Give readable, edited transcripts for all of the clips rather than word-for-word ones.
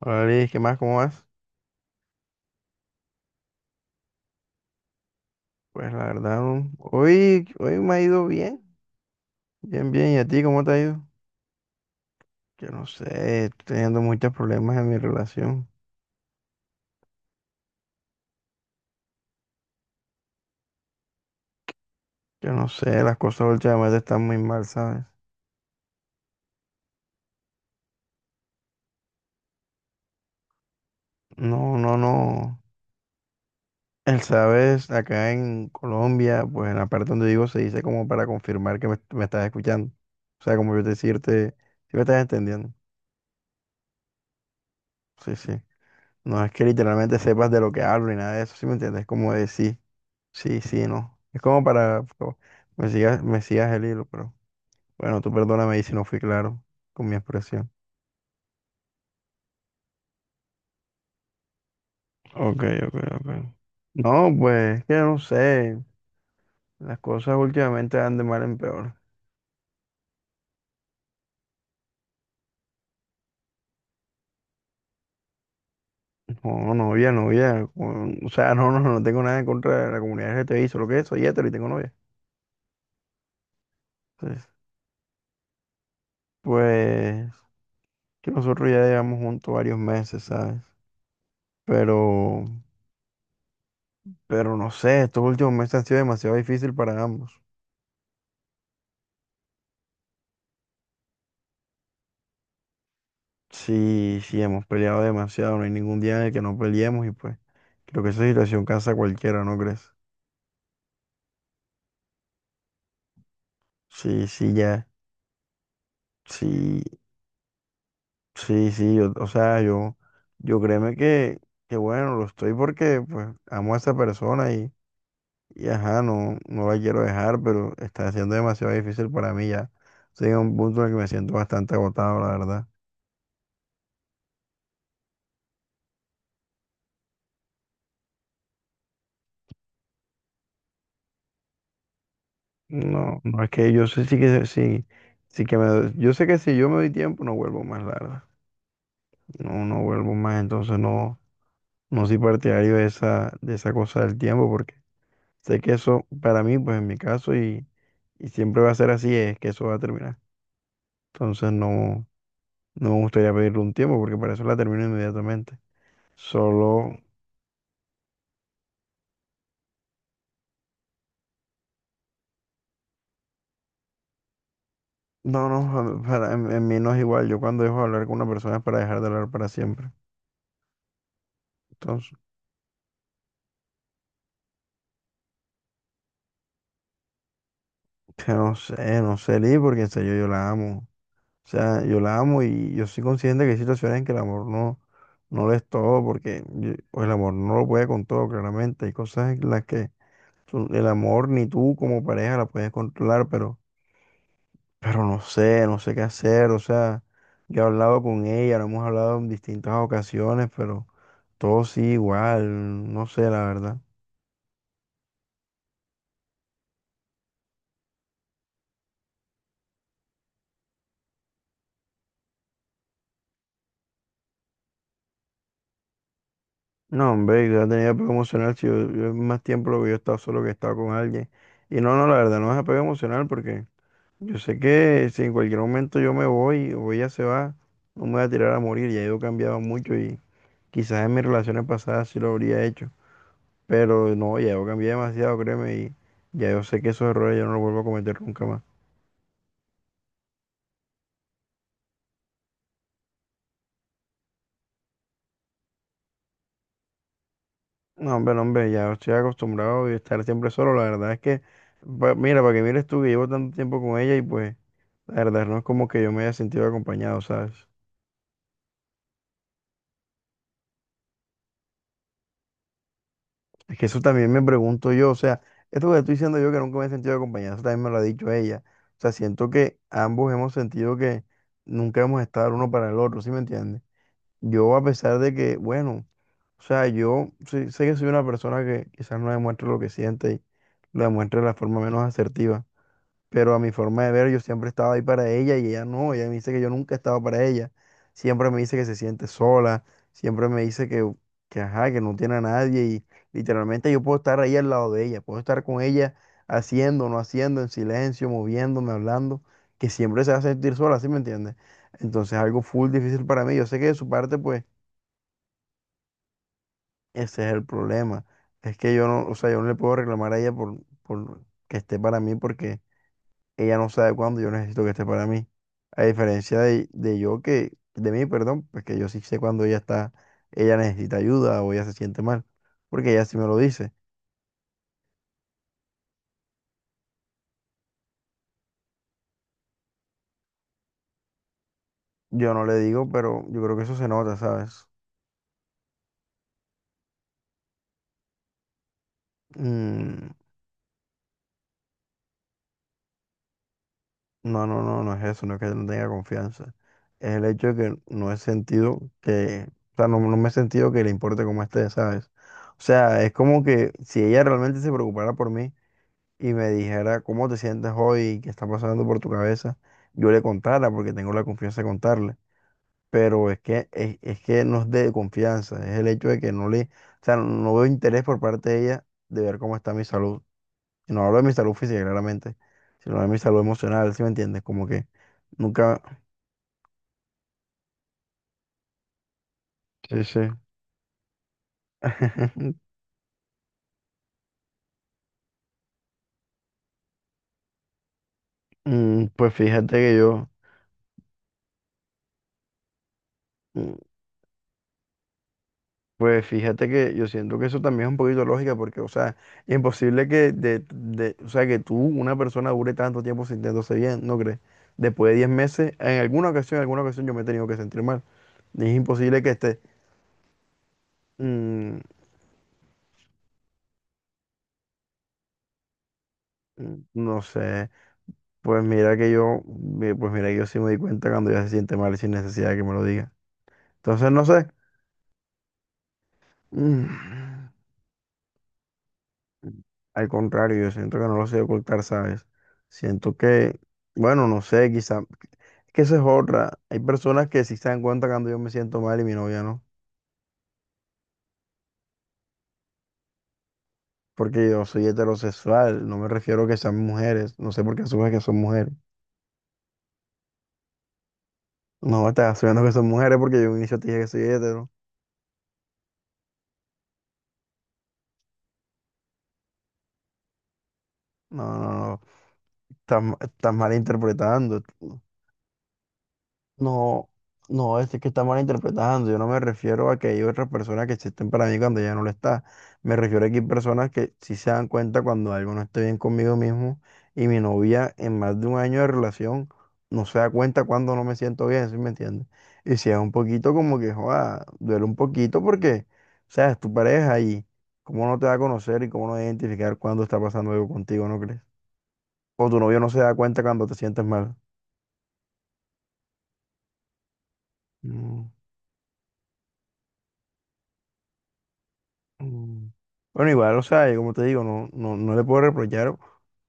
Hola Liz, ¿qué más? ¿Cómo vas? Pues la verdad, hoy, hoy me ha ido bien, bien, bien. ¿Y a ti cómo te ha ido? Yo no sé, estoy teniendo muchos problemas en mi relación. Yo no sé, las cosas últimamente están muy mal, ¿sabes? No, no, no. El sabes, acá en Colombia, pues en la parte donde vivo se dice como para confirmar que me estás escuchando. O sea, como yo decirte, si me estás entendiendo. Sí, sí. No es que literalmente sepas de lo que hablo ni nada de eso, ¿sí me entiendes? Como decir. Sí, sí, no. Es como para me sigas el hilo, pero bueno, tú perdóname ahí si no fui claro con mi expresión. Ok, ok, ok. No, pues, es que no sé. Las cosas últimamente van de mal en peor. No, novia, novia. O sea, no, no, no tengo nada en contra de la comunidad LGTBI, solo que soy hetero y tengo novia. Entonces, pues, que nosotros ya llevamos juntos varios meses, ¿sabes? Pero, pero no sé, estos últimos meses han sido demasiado difícil para ambos. Sí, sí, hemos peleado demasiado, no hay ningún día en el que no peleemos y pues creo que esa situación cansa a cualquiera, ¿no crees? Sí, sí, ya, sí, sí, o sea, yo créeme que bueno, lo estoy porque pues amo a esa persona y ajá, no, no la quiero dejar, pero está siendo demasiado difícil para mí ya. Estoy en un punto en el que me siento bastante agotado, la verdad. No, no es que yo sé sí que sí, yo sé que si yo me doy tiempo no vuelvo más, la verdad. No, no vuelvo más, entonces no, no soy partidario de de esa cosa del tiempo, porque sé que eso, para mí, pues en mi caso, y siempre va a ser así, es que eso va a terminar. Entonces no, no me gustaría pedirle un tiempo, porque para eso la termino inmediatamente. Solo, no, no, en mí no es igual. Yo cuando dejo de hablar con una persona es para dejar de hablar para siempre. Entonces, que no sé, no sé, Lee, porque en serio yo la amo. O sea, yo la amo y yo soy consciente que hay situaciones en que el amor no, no lo es todo, porque o el amor no lo puede con todo, claramente. Hay cosas en las que el amor ni tú como pareja la puedes controlar, pero no sé, no sé qué hacer. O sea, yo he hablado con ella, lo hemos hablado en distintas ocasiones, pero todo sí igual, no sé, la verdad. No, hombre, yo tenía apego emocional, si yo, yo más tiempo lo que yo he estado solo que he estado con alguien. Y no, no, la verdad, no es apego emocional porque... Yo sé que si en cualquier momento yo me voy o ella se va, no me voy a tirar a morir. Ya yo he cambiado mucho y quizás en mis relaciones pasadas sí lo habría hecho. Pero no, ya yo cambié demasiado, créeme, y ya yo sé que esos errores yo no los vuelvo a cometer nunca más. No, hombre, no, hombre, ya estoy acostumbrado a estar siempre solo. La verdad es que, mira, para que mires tú que llevo tanto tiempo con ella y pues, la verdad no es como que yo me haya sentido acompañado, ¿sabes? Es que eso también me pregunto yo, o sea, esto que te estoy diciendo yo que nunca me he sentido acompañado, eso también me lo ha dicho ella. O sea, siento que ambos hemos sentido que nunca hemos estado el uno para el otro, ¿sí me entiendes? Yo a pesar de que, bueno, o sea, sé que soy una persona que quizás no demuestre lo que siente y lo demuestre de la forma menos asertiva, pero a mi forma de ver, yo siempre estaba ahí para ella y ella no, ella me dice que yo nunca estaba para ella. Siempre me dice que se siente sola, siempre me dice que ajá, que no tiene a nadie y literalmente yo puedo estar ahí al lado de ella, puedo estar con ella haciendo, no haciendo, en silencio, moviéndome, hablando, que siempre se va a sentir sola, ¿sí me entiendes? Entonces algo full difícil para mí. Yo sé que de su parte, pues, ese es el problema. Es que yo no, o sea, yo no le puedo reclamar a ella por que esté para mí porque ella no sabe cuándo yo necesito que esté para mí. A diferencia de yo que, de mí, perdón, pues que yo sí sé cuándo ella está, ella necesita ayuda o ella se siente mal, porque ella sí me lo dice. Yo no le digo, pero yo creo que eso se nota, ¿sabes? Mm, no, no, no, no es eso, no es que no tenga confianza. Es el hecho de que no he sentido que, o sea, no, no me he sentido que le importe cómo esté, ¿sabes? O sea, es como que si ella realmente se preocupara por mí, y me dijera cómo te sientes hoy, qué está pasando por tu cabeza, yo le contara porque tengo la confianza de contarle. Pero es que, es que no es de confianza, es el hecho de que no le, o sea, no veo interés por parte de ella de ver cómo está mi salud. Y no hablo de mi salud física, claramente, sino de mi salud emocional, ¿sí me entiendes? Como que nunca, sí, sí. Mm, Pues fíjate que yo, mm, Pues fíjate que yo siento que eso también es un poquito lógica porque, o sea, es imposible que, o sea, que tú, una persona, dure tanto tiempo sintiéndose bien, ¿no crees? Después de 10 meses, en alguna ocasión yo me he tenido que sentir mal. Es imposible que esté, mm, no sé, pues mira que pues mira que yo sí me di cuenta cuando ya se siente mal sin necesidad de que me lo diga. Entonces, no sé, mm, al contrario, yo siento que no lo sé ocultar, ¿sabes? Siento que, bueno, no sé, quizá que eso es otra. Hay personas que sí se dan cuenta cuando yo me siento mal y mi novia no. Porque yo soy heterosexual, no me refiero a que sean mujeres. No sé por qué asumes que son mujeres. No, estás asumiendo que son mujeres porque yo en un inicio te dije que soy hetero. No, no, no. Estás, estás malinterpretando. No, no, es que está mal interpretando. Yo no me refiero a que hay otras personas que existen para mí cuando ya no lo está. Me refiero a que hay personas que sí se dan cuenta cuando algo no esté bien conmigo mismo. Y mi novia, en más de 1 año de relación, no se da cuenta cuando no me siento bien, ¿sí me entiendes? Y si es un poquito como que, joda, duele un poquito porque, o sea, es tu pareja y cómo no te va a conocer y cómo no va a identificar cuando está pasando algo contigo, ¿no crees? O tu novio no se da cuenta cuando te sientes mal. Mm. Mm. Bueno, igual, o sea, yo como te digo, no, no, no le puedo reprochar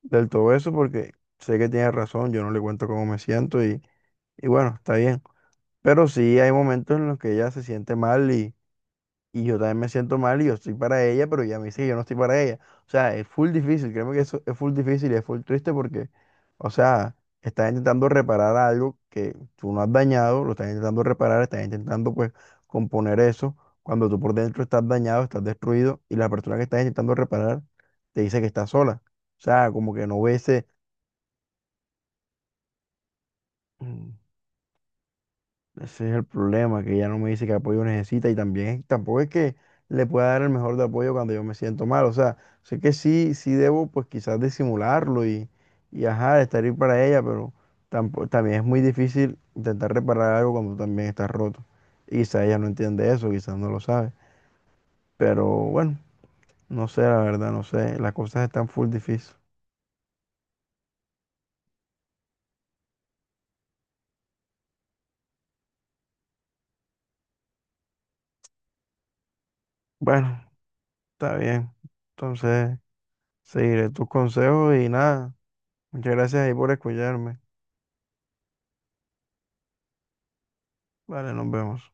del todo eso porque sé que tiene razón, yo no le cuento cómo me siento y bueno, está bien. Pero sí hay momentos en los que ella se siente mal y yo también me siento mal y yo estoy para ella, pero ella me dice que yo no estoy para ella. O sea, es full difícil, créeme que eso es full difícil y es full triste porque, o sea, estás intentando reparar algo que tú no has dañado, lo estás intentando reparar, estás intentando pues componer eso, cuando tú por dentro estás dañado, estás destruido y la persona que estás intentando reparar te dice que está sola. O sea, como que no ve ese, ese es el problema, que ella no me dice qué apoyo necesita y también tampoco es que le pueda dar el mejor de apoyo cuando yo me siento mal. O sea, sé que sí, sí debo pues quizás disimularlo y ajá, estar ahí para ella, pero tampoco, también es muy difícil intentar reparar algo cuando tú también estás roto. Y quizás ella no entiende eso, quizás no lo sabe. Pero bueno, no sé, la verdad, no sé. Las cosas están full difícil. Bueno, está bien. Entonces, seguiré tus consejos y nada. Muchas gracias ahí por escucharme. Vale, nos vemos.